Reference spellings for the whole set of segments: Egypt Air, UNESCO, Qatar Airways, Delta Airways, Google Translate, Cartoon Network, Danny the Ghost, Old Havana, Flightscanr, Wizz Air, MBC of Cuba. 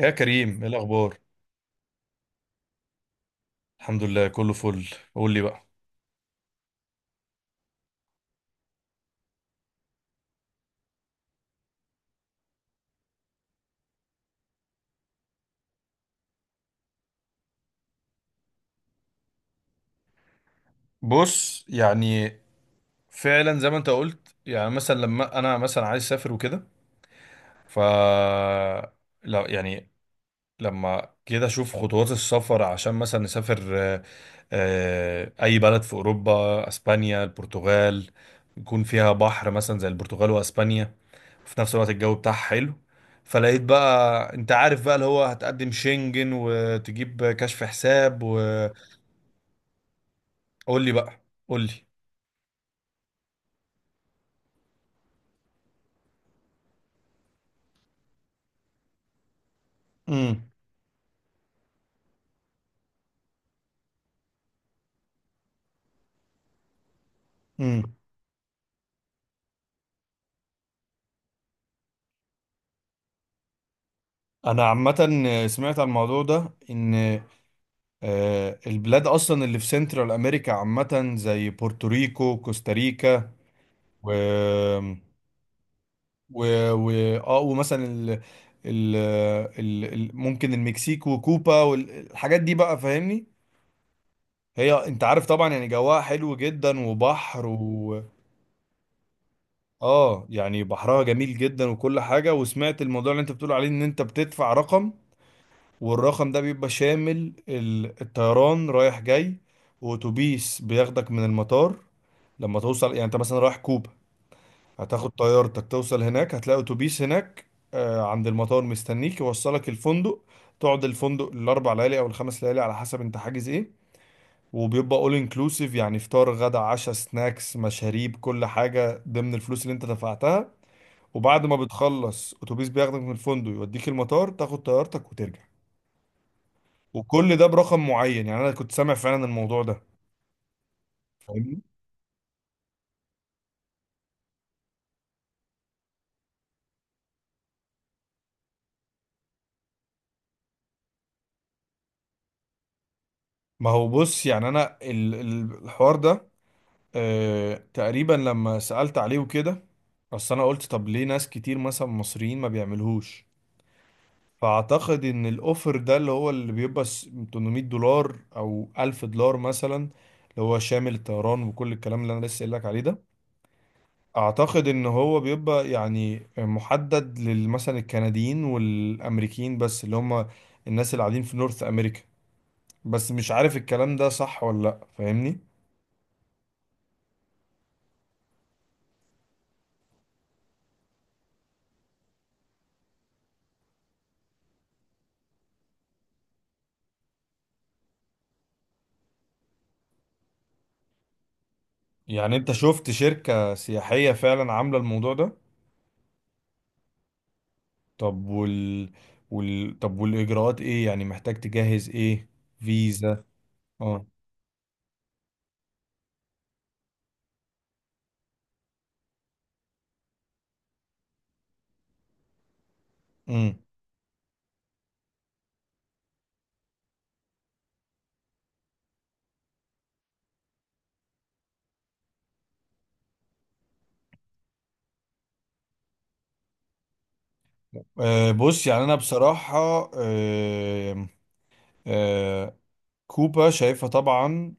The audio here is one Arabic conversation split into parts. يا كريم، ايه الاخبار؟ الحمد لله، كله فل. قول لي بقى. بص، يعني فعلا زي ما انت قلت، يعني مثلا لما انا مثلا عايز اسافر وكده. ف لا يعني لما كده اشوف خطوات السفر عشان مثلا نسافر، اي بلد في اوروبا، اسبانيا، البرتغال، يكون فيها بحر مثلا زي البرتغال واسبانيا. في نفس الوقت الجو بتاعها حلو. فلقيت بقى انت عارف بقى اللي هو هتقدم شنجن وتجيب كشف حساب. قول لي بقى، قول لي. امم امم انا عامه سمعت عن الموضوع ده، ان البلاد اصلا اللي في سنترال امريكا عامه، زي بورتوريكو، كوستاريكا، و و و اه، ومثلا ال... ممكن المكسيك وكوبا والحاجات دي بقى، فاهمني؟ هي انت عارف طبعا يعني جواها حلو جدا، وبحر اه. يعني بحرها جميل جدا وكل حاجه. وسمعت الموضوع اللي انت بتقول عليه، ان انت بتدفع رقم، والرقم ده بيبقى شامل الطيران رايح جاي، واتوبيس بياخدك من المطار لما توصل. يعني انت مثلا رايح كوبا، هتاخد طيارتك توصل هناك، هتلاقي اتوبيس هناك عند المطار مستنيك يوصلك الفندق. تقعد الفندق الاربع ليالي او الخمس ليالي على حسب انت حاجز ايه، وبيبقى اول انكلوسيف، يعني فطار غدا عشاء سناكس مشاريب، كل حاجه ضمن الفلوس اللي انت دفعتها. وبعد ما بتخلص اتوبيس بياخدك من الفندق يوديك المطار، تاخد طيارتك وترجع. وكل ده برقم معين. يعني انا كنت سامع فعلا الموضوع ده، فاهمني؟ ما هو بص، يعني انا الحوار ده، آه تقريبا لما سألت عليه وكده. اصل انا قلت طب ليه ناس كتير مثلا مصريين ما بيعملوهوش؟ فاعتقد ان الاوفر ده اللي هو اللي بيبقى $800 او $1000 مثلا، اللي هو شامل الطيران وكل الكلام اللي انا لسه قايل لك عليه ده، اعتقد ان هو بيبقى يعني محدد للمثلا الكنديين والامريكيين بس، اللي هم الناس اللي قاعدين في نورث امريكا. بس مش عارف الكلام ده صح ولا لا، فاهمني؟ يعني انت شفت شركة سياحية فعلا عاملة الموضوع ده؟ طب طب والاجراءات ايه؟ يعني محتاج تجهز ايه؟ فيزا؟ اه. امم. آه بص، يعني انا بصراحة، آه آه كوبا شايفها طبعا،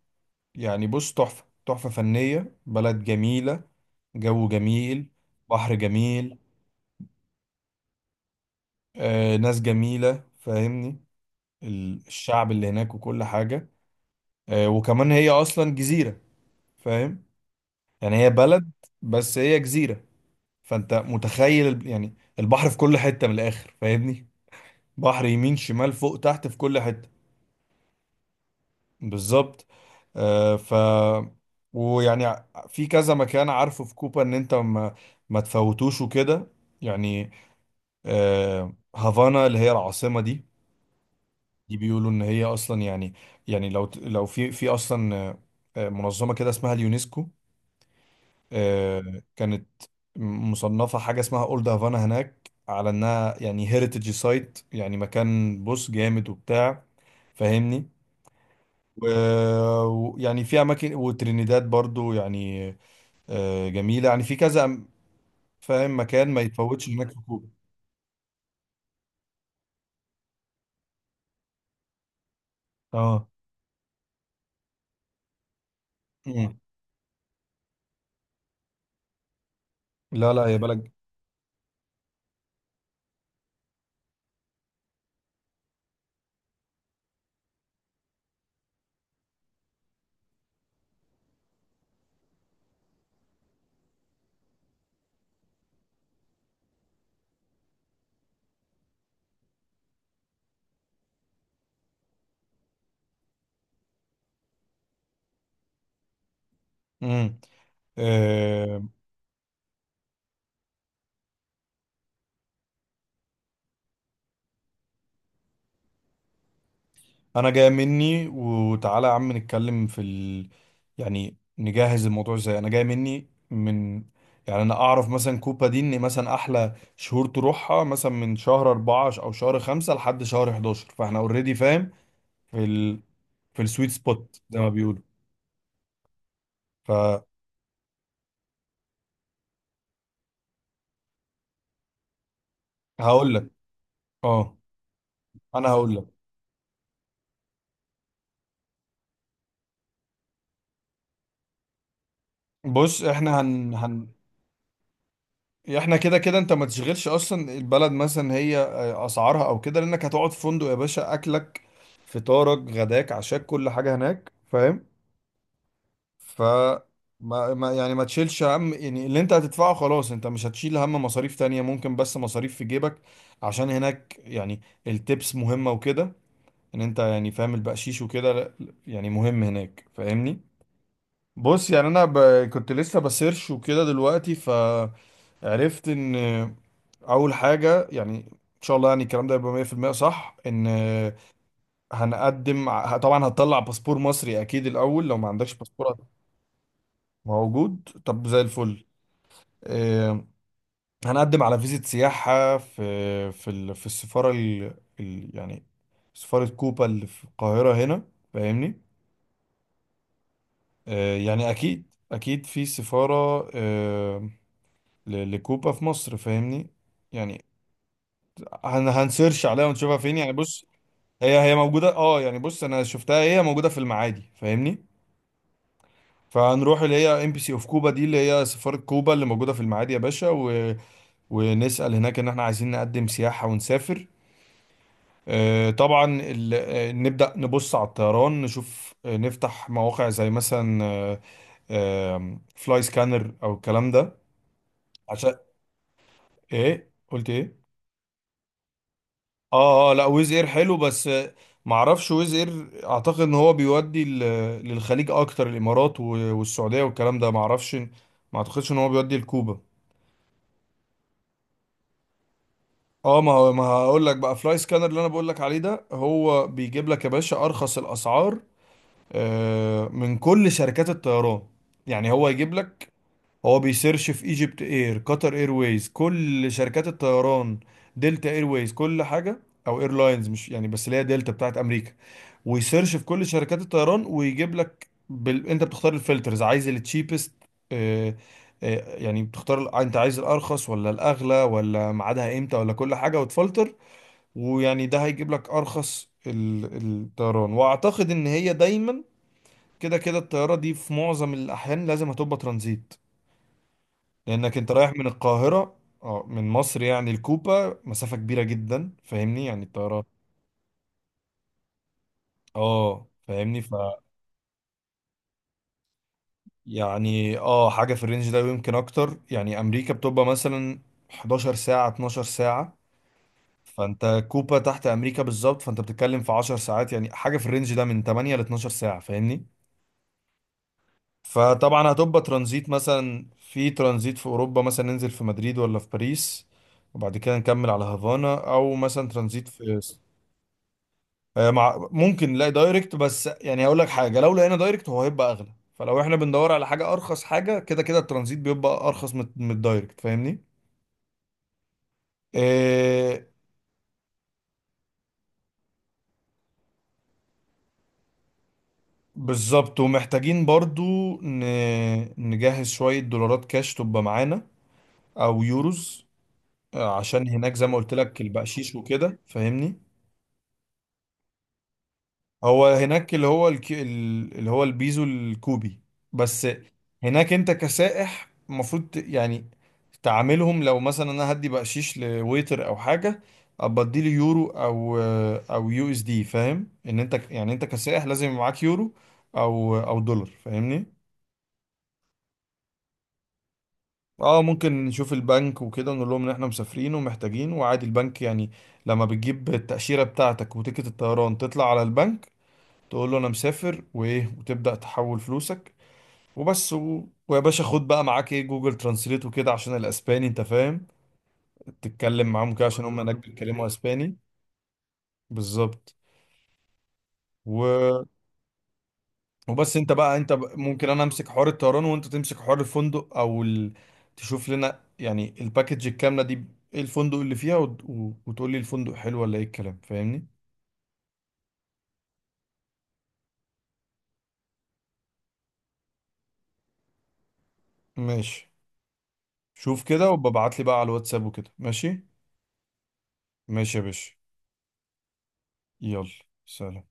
يعني بص تحفة، تحفة فنية، بلد جميلة، جو جميل، بحر جميل، ناس جميلة، فاهمني؟ الشعب اللي هناك وكل حاجة. وكمان هي أصلا جزيرة، فاهم؟ يعني هي بلد، بس هي جزيرة. فأنت متخيل يعني البحر في كل حتة من الآخر، فاهمني؟ بحر يمين شمال فوق تحت، في كل حتة. بالظبط. آه، ف ويعني في كذا مكان عارفه في كوبا ان انت ما تفوتوش وكده. يعني هافانا اللي هي العاصمة دي، دي بيقولوا ان هي اصلا يعني، يعني لو لو في اصلا، منظمة كده اسمها اليونسكو، آه، كانت مصنفة حاجة اسمها اولد هافانا هناك، على انها يعني هيريتج سايت، يعني مكان بص جامد وبتاع، فاهمني؟ ويعني في اماكن، وترينيداد برضو يعني جميله. يعني في كذا فاهم مكان ما يتفوتش هناك في كوبا. اه. مم. لا، لا، يا بلد. مم. آه، انا جاي مني. وتعالى يا عم نتكلم في يعني نجهز الموضوع ازاي. انا جاي مني. من يعني انا اعرف مثلا كوبا دي، ان مثلا احلى شهور تروحها مثلا من شهر أربعة او شهر خمسة لحد شهر 11، فاحنا اوريدي فاهم في في السويت سبوت زي ما بيقولوا. فهقول لك. اه انا هقول لك. بص، احنا هن هن احنا كده كده انت ما تشغلش اصلا البلد مثلا، هي اسعارها او كده، لانك هتقعد في فندق يا باشا. اكلك، فطارك، غداك، عشاك، كل حاجه هناك، فاهم؟ ف ما ما- يعني ما تشيلش هم. يعني اللي انت هتدفعه خلاص، انت مش هتشيل هم مصاريف تانية، ممكن بس مصاريف في جيبك عشان هناك. يعني التبس مهمة وكده، ان انت يعني فاهم البقشيش وكده يعني مهم هناك، فاهمني؟ بص يعني كنت لسه بسيرش وكده دلوقتي، فعرفت ان اول حاجه يعني ان شاء الله يعني الكلام ده يبقى 100% صح، ان هنقدم طبعا هتطلع باسبور مصري اكيد الاول لو ما عندكش باسبور. موجود، طب زي الفل. آه، هنقدم على فيزة سياحه في في في السفاره يعني سفاره كوبا اللي في القاهره هنا، فاهمني؟ يعني اكيد، اكيد في سفاره لكوبا في مصر، فاهمني؟ يعني هنسيرش عليها ونشوفها فين. يعني بص، هي هي موجودة. اه يعني بص انا شفتها، هي موجودة في المعادي، فاهمني؟ فهنروح اللي هي ام بي سي اوف كوبا دي، اللي هي سفارة كوبا اللي موجودة في المعادي يا باشا، ونسأل هناك ان احنا عايزين نقدم سياحة ونسافر. آه، طبعا ال... آه، نبدأ نبص على الطيران، نشوف، نفتح مواقع زي مثلا فلاي سكانر او الكلام ده، عشان، ايه قلت ايه؟ اه اه لا، ويز اير حلو بس. معرفش ويز اير، اعتقد ان هو بيودي للخليج اكتر، الامارات والسعوديه والكلام ده. معرفش، ما اعتقدش ان هو بيودي لكوبا. اه، ما هقول لك بقى. فلاي سكانر اللي انا بقول لك عليه ده، هو بيجيب لك يا باشا ارخص الاسعار من كل شركات الطيران. يعني هو يجيب لك، هو بيسيرش في ايجيبت اير، قطر ايرويز، كل شركات الطيران. دلتا ايرويز، كل حاجه. او ايرلاينز، مش يعني بس اللي هي دلتا بتاعت امريكا. ويسيرش في كل شركات الطيران ويجيب لك انت بتختار الفلترز، عايز التشيبست، يعني بتختار انت عايز الارخص ولا الاغلى ولا ميعادها امتى ولا كل حاجه، وتفلتر. ويعني ده هيجيب لك ارخص الطيران. واعتقد ان هي دايما كده كده الطياره دي في معظم الاحيان لازم هتبقى ترانزيت، لانك انت رايح من القاهره، اه من مصر يعني الكوبا، مسافه كبيره جدا، فاهمني؟ يعني الطياره، اه فاهمني ف يعني اه حاجه في الرينج ده، ويمكن اكتر، يعني امريكا بتبقى مثلا 11 ساعه، 12 ساعه. فانت كوبا تحت امريكا بالظبط، فانت بتتكلم في 10 ساعات، يعني حاجه في الرينج ده من 8 ل 12 ساعه، فاهمني؟ فطبعا هتبقى ترانزيت، مثلا في ترانزيت في اوروبا، مثلا ننزل في مدريد ولا في باريس، وبعد كده نكمل على هافانا. او مثلا ترانزيت في، آه، مع ممكن نلاقي دايركت، بس يعني هقول لك حاجه، لو لقينا دايركت هو هيبقى اغلى. فلو احنا بندور على حاجه ارخص، حاجه كده كده الترانزيت بيبقى ارخص من الدايركت، فاهمني؟ إيه. بالظبط. ومحتاجين برضو ن... نجهز شويه دولارات كاش تبقى معانا، او يوروز، عشان هناك زي ما قلت لك البقشيش وكده، فاهمني؟ هو هناك اللي هو اللي هو البيزو الكوبي بس. هناك انت كسائح المفروض يعني تعاملهم، لو مثلا انا هدي بقشيش لويتر او حاجه، ابقى اديله يورو او، او يو اس دي، فاهم؟ ان انت يعني انت كسائح لازم يبقى معاك يورو او، او دولار، فاهمني؟ اه، ممكن نشوف البنك وكده ونقول لهم ان احنا مسافرين ومحتاجين. وعادي البنك، يعني لما بتجيب التأشيرة بتاعتك وتيكت الطيران، تطلع على البنك تقول له انا مسافر وايه، وتبدأ تحول فلوسك وبس. ويا باشا خد بقى معاك ايه جوجل ترانسليت وكده عشان الاسباني، انت فاهم، تتكلم معاهم كده عشان هم هناك بيتكلموا اسباني. بالظبط. و... وبس انت بقى انت ممكن انا امسك حوار الطيران وانت تمسك حوار الفندق او تشوف لنا يعني الباكج الكاملة دي، ايه الفندق اللي فيها، وتقول لي الفندق حلو ولا ايه الكلام، فاهمني؟ ماشي، شوف كده وببعت لي بقى على الواتساب وكده. ماشي، ماشي يا باشا، يلا سلام.